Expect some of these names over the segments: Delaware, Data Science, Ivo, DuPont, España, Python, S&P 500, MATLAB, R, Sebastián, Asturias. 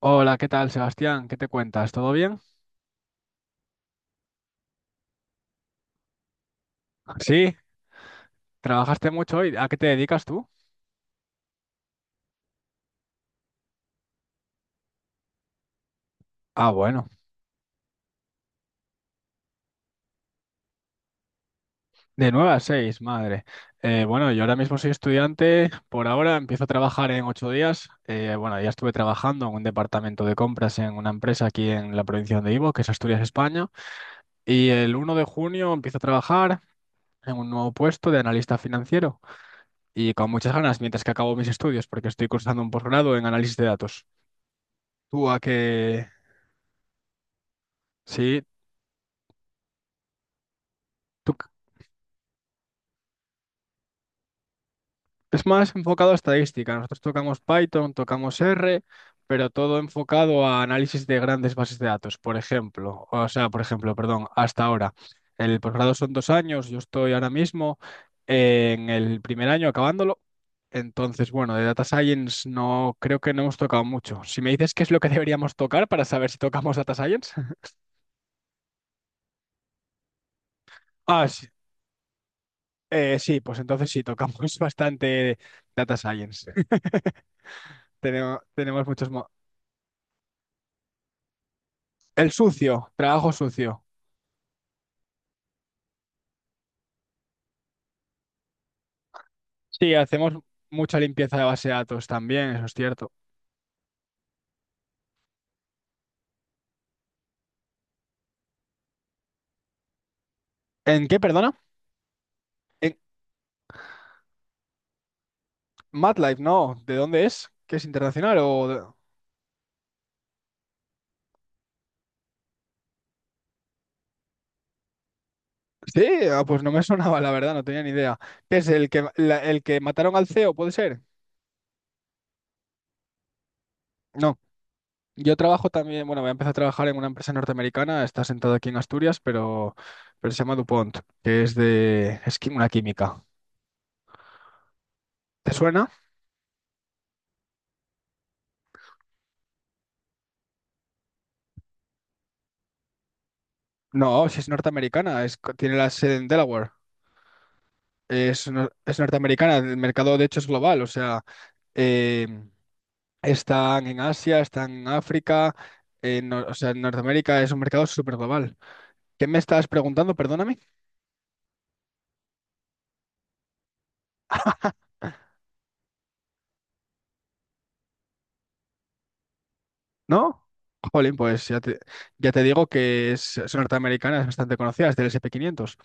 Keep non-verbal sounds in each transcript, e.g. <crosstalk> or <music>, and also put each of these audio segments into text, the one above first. Hola, ¿qué tal, Sebastián? ¿Qué te cuentas? ¿Todo bien? Sí, trabajaste mucho hoy. ¿A qué te dedicas tú? Ah, bueno, de 9 a 6, madre. Bueno, yo ahora mismo soy estudiante. Por ahora empiezo a trabajar en 8 días. Bueno, ya estuve trabajando en un departamento de compras en una empresa aquí en la provincia de Ivo, que es Asturias, España. Y el 1 de junio empiezo a trabajar en un nuevo puesto de analista financiero. Y con muchas ganas, mientras que acabo mis estudios, porque estoy cursando un posgrado en análisis de datos. ¿Tú a qué? Sí. Tú. Es más enfocado a estadística. Nosotros tocamos Python, tocamos R, pero todo enfocado a análisis de grandes bases de datos, por ejemplo. O sea, por ejemplo, perdón, hasta ahora. El posgrado son 2 años, yo estoy ahora mismo en el primer año acabándolo. Entonces, bueno, de Data Science no creo que no hemos tocado mucho. Si me dices qué es lo que <laughs> deberíamos tocar para saber si tocamos Data Science. <laughs> Ah, sí, sí, pues entonces sí, tocamos <laughs> bastante Data Science. <laughs> Tenemos muchos. El sucio, trabajo sucio. Sí, hacemos mucha limpieza de base de datos también, eso es cierto. ¿En qué, perdona? En MATLAB, no. ¿De dónde es? ¿Que es internacional o...? Sí, ah, pues no me sonaba, la verdad, no tenía ni idea. ¿Qué es el que, la- el que mataron al CEO, puede ser? No. Yo trabajo también, bueno, voy a empezar a trabajar en una empresa norteamericana, está sentado aquí en Asturias, pero se llama DuPont, que es de... es qui- una química. ¿Te suena? No, si es norteamericana, tiene la sede en Delaware. Es, no- es norteamericana, el mercado de hecho es global, o sea, eh, están en Asia, están en África, en Nor- o sea, en Norteamérica es un mercado súper global. ¿Qué me estás preguntando? Perdóname, ¿no? Jolín, pues ya te digo que es norteamericana, es bastante conocida, es del S&P 500.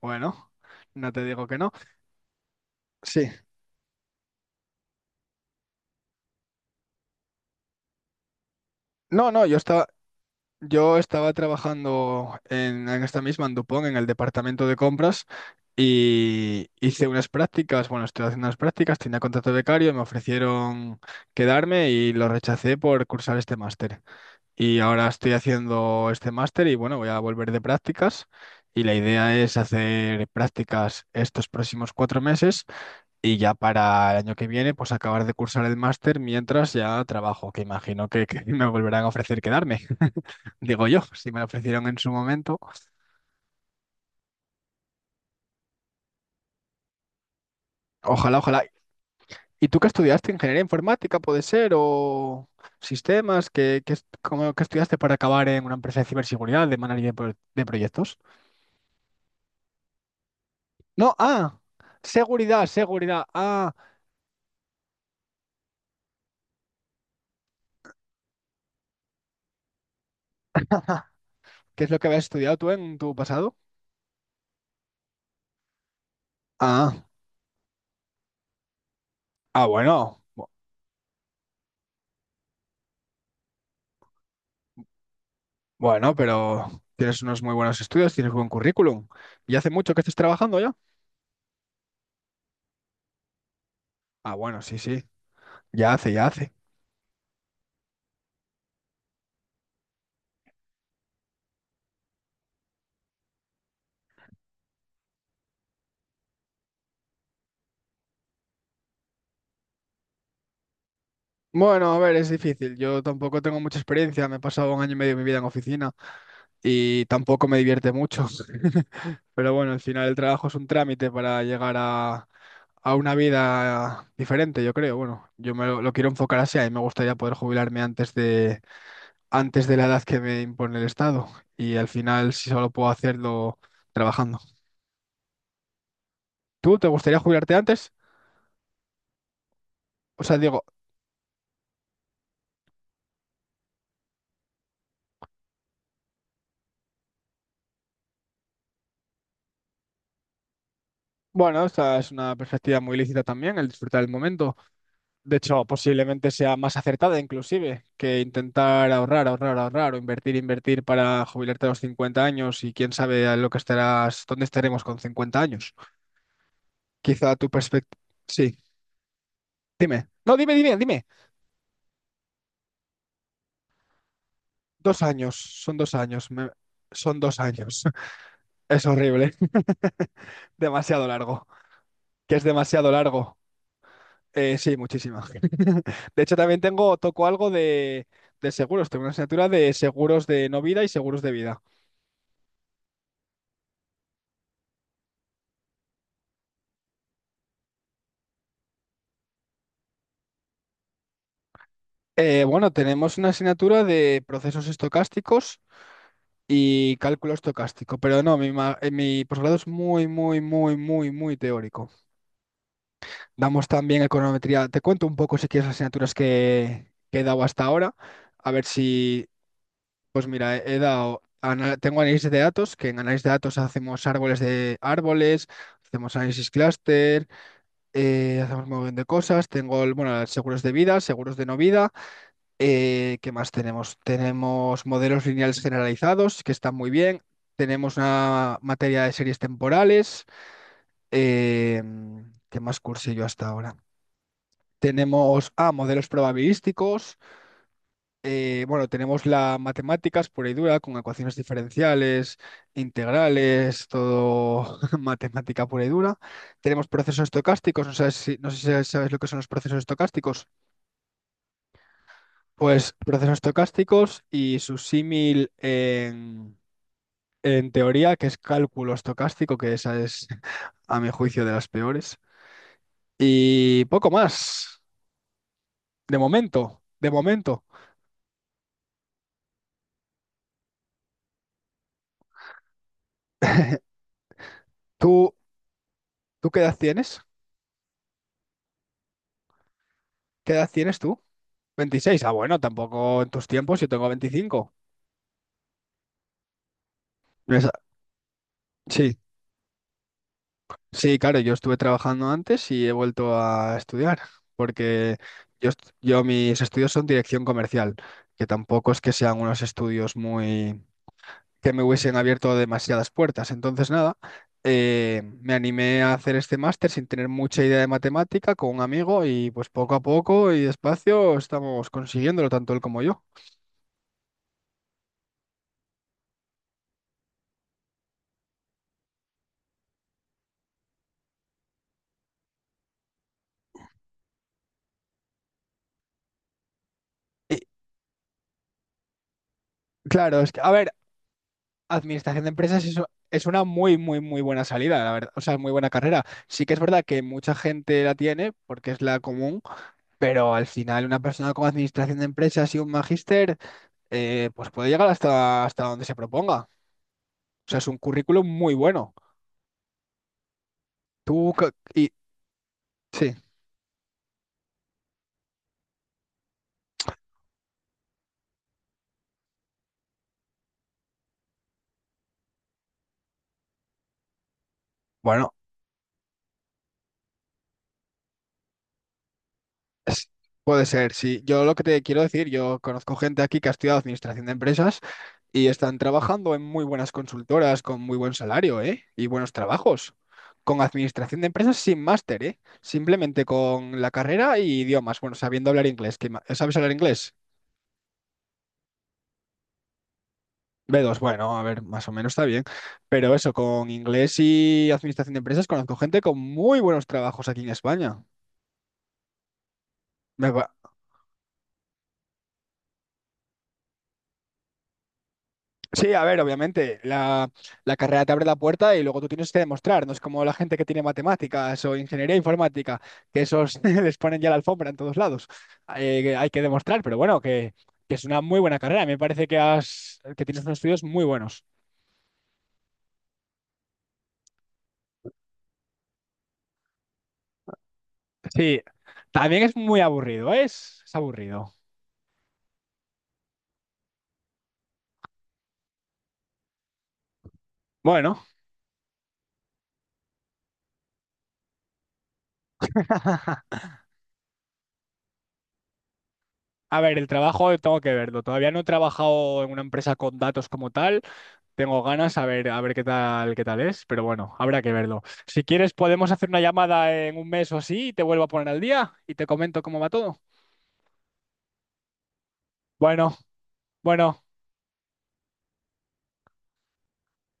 Bueno, no te digo que no. Sí. No, no, Yo estaba trabajando en esta misma, en Dupont, en el departamento de compras, y hice unas prácticas, bueno, estoy haciendo unas prácticas, tenía contrato de becario, me ofrecieron quedarme y lo rechacé por cursar este máster. Y ahora estoy haciendo este máster y bueno, voy a volver de prácticas y la idea es hacer prácticas estos próximos 4 meses y ya para el año que viene, pues acabar de cursar el máster mientras ya trabajo, que imagino que <laughs> me volverán a ofrecer quedarme. <laughs> Digo yo, si me lo ofrecieron en su momento. Ojalá, ojalá. ¿Y tú qué estudiaste? ¿Ingeniería informática puede ser? ¿O sistemas? ¿Qué estudiaste para acabar en una empresa de ciberseguridad, de manager de proyectos? No, seguridad, seguridad. Ah, <laughs> ¿qué es lo que habías estudiado tú en tu pasado? Ah, ah, bueno. Bueno, pero tienes unos muy buenos estudios, tienes buen currículum. ¿Y hace mucho que estés trabajando ya? Ah, bueno, sí, sí. Ya hace, ya hace. Bueno, a ver, es difícil. Yo tampoco tengo mucha experiencia. Me he pasado un año y medio de mi vida en oficina y tampoco me divierte mucho. <laughs> Pero bueno, al final el trabajo es un trámite para llegar a una vida diferente, yo creo. Bueno, yo me lo quiero enfocar así. A mí me gustaría poder jubilarme antes de la edad que me impone el Estado. Y al final, si solo puedo hacerlo trabajando. ¿Tú te gustaría jubilarte antes? O sea, digo, bueno, esta es una perspectiva muy lícita también, el disfrutar del momento. De hecho, posiblemente sea más acertada inclusive que intentar ahorrar, ahorrar, ahorrar o invertir, invertir para jubilarte a los 50 años y quién sabe a lo que estarás, dónde estaremos con 50 años. Quizá tu perspectiva... Sí, dime. No, dime, dime, dime. 2 años, son 2 años, son dos años. <laughs> Es horrible, <laughs> demasiado largo, que es demasiado largo. Sí, muchísima. <laughs> De hecho, también tengo, toco algo de seguros. Tengo una asignatura de seguros de no vida y seguros de vida. Bueno, tenemos una asignatura de procesos estocásticos y cálculo estocástico, pero no, mi posgrado es muy, muy, muy, muy, muy teórico. Damos también econometría. Te cuento un poco si quieres las asignaturas que he dado hasta ahora, a ver si, Pues mira, he dado, tengo análisis de datos, que en análisis de datos hacemos árboles de árboles, hacemos análisis clúster, hacemos un montón de cosas. Tengo, bueno, seguros de vida, seguros de no vida. ¿Qué más tenemos? Tenemos modelos lineales generalizados, que están muy bien. Tenemos una materia de series temporales. eh, ¿qué más cursé yo hasta ahora? Tenemos modelos probabilísticos. Bueno, tenemos las matemáticas pura y dura, con ecuaciones diferenciales, integrales, todo <laughs> matemática pura y dura. Tenemos procesos estocásticos, no sé si sabes lo que son los procesos estocásticos. Pues procesos estocásticos y su símil en teoría, que es cálculo estocástico, que esa es, <laughs> a mi juicio, de las peores. Y poco más, de momento, de momento. ¿Tú, tú qué edad tienes? ¿Qué edad tienes tú? Veintiséis, bueno, tampoco en tus tiempos, yo tengo 25, Esa- Sí, sí, claro, yo estuve trabajando antes y he vuelto a estudiar, porque yo mis estudios son dirección comercial, que tampoco es que sean unos estudios muy... que me hubiesen abierto demasiadas puertas. Entonces, nada, me animé a hacer este máster sin tener mucha idea de matemática con un amigo y pues poco a poco y despacio estamos consiguiéndolo, tanto él como yo. Y, claro, es que, a ver, Administración de empresas es, una muy, muy, muy buena salida, la verdad. O sea, muy buena carrera. Sí que es verdad que mucha gente la tiene porque es la común, pero al final una persona con administración de empresas y un magíster, pues puede llegar hasta donde se proponga. O sea, es un currículum muy bueno. Tú, y, sí. Bueno, Es- Puede ser, sí. Yo lo que te quiero decir, yo conozco gente aquí que ha estudiado administración de empresas y están trabajando en muy buenas consultoras con muy buen salario, ¿eh? Y buenos trabajos. Con administración de empresas sin máster, ¿eh? Simplemente con la carrera y idiomas. Bueno, sabiendo hablar inglés. ¿Sabes hablar inglés? B2 bueno, a ver, más o menos está bien. Pero eso, con inglés y administración de empresas, conozco gente con muy buenos trabajos aquí en España. Me, Sí, a ver, obviamente, la carrera te abre la puerta y luego tú tienes que demostrar, no es como la gente que tiene matemáticas o ingeniería informática, que esos <laughs> les ponen ya la alfombra en todos lados. Que hay que demostrar, pero bueno, que es una muy buena carrera, me parece que tienes unos estudios muy buenos. Sí, también es muy aburrido, ¿eh? es aburrido. Bueno, <laughs> a ver, el trabajo tengo que verlo, todavía no he trabajado en una empresa con datos como tal. Tengo ganas a ver qué tal es, pero bueno, habrá que verlo. Si quieres, podemos hacer una llamada en un mes o así y te vuelvo a poner al día y te comento cómo va todo. Bueno, bueno,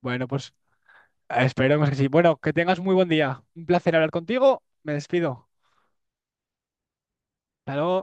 bueno, pues esperemos que sí. Bueno, que tengas muy buen día. Un placer hablar contigo. Me despido. Hasta luego.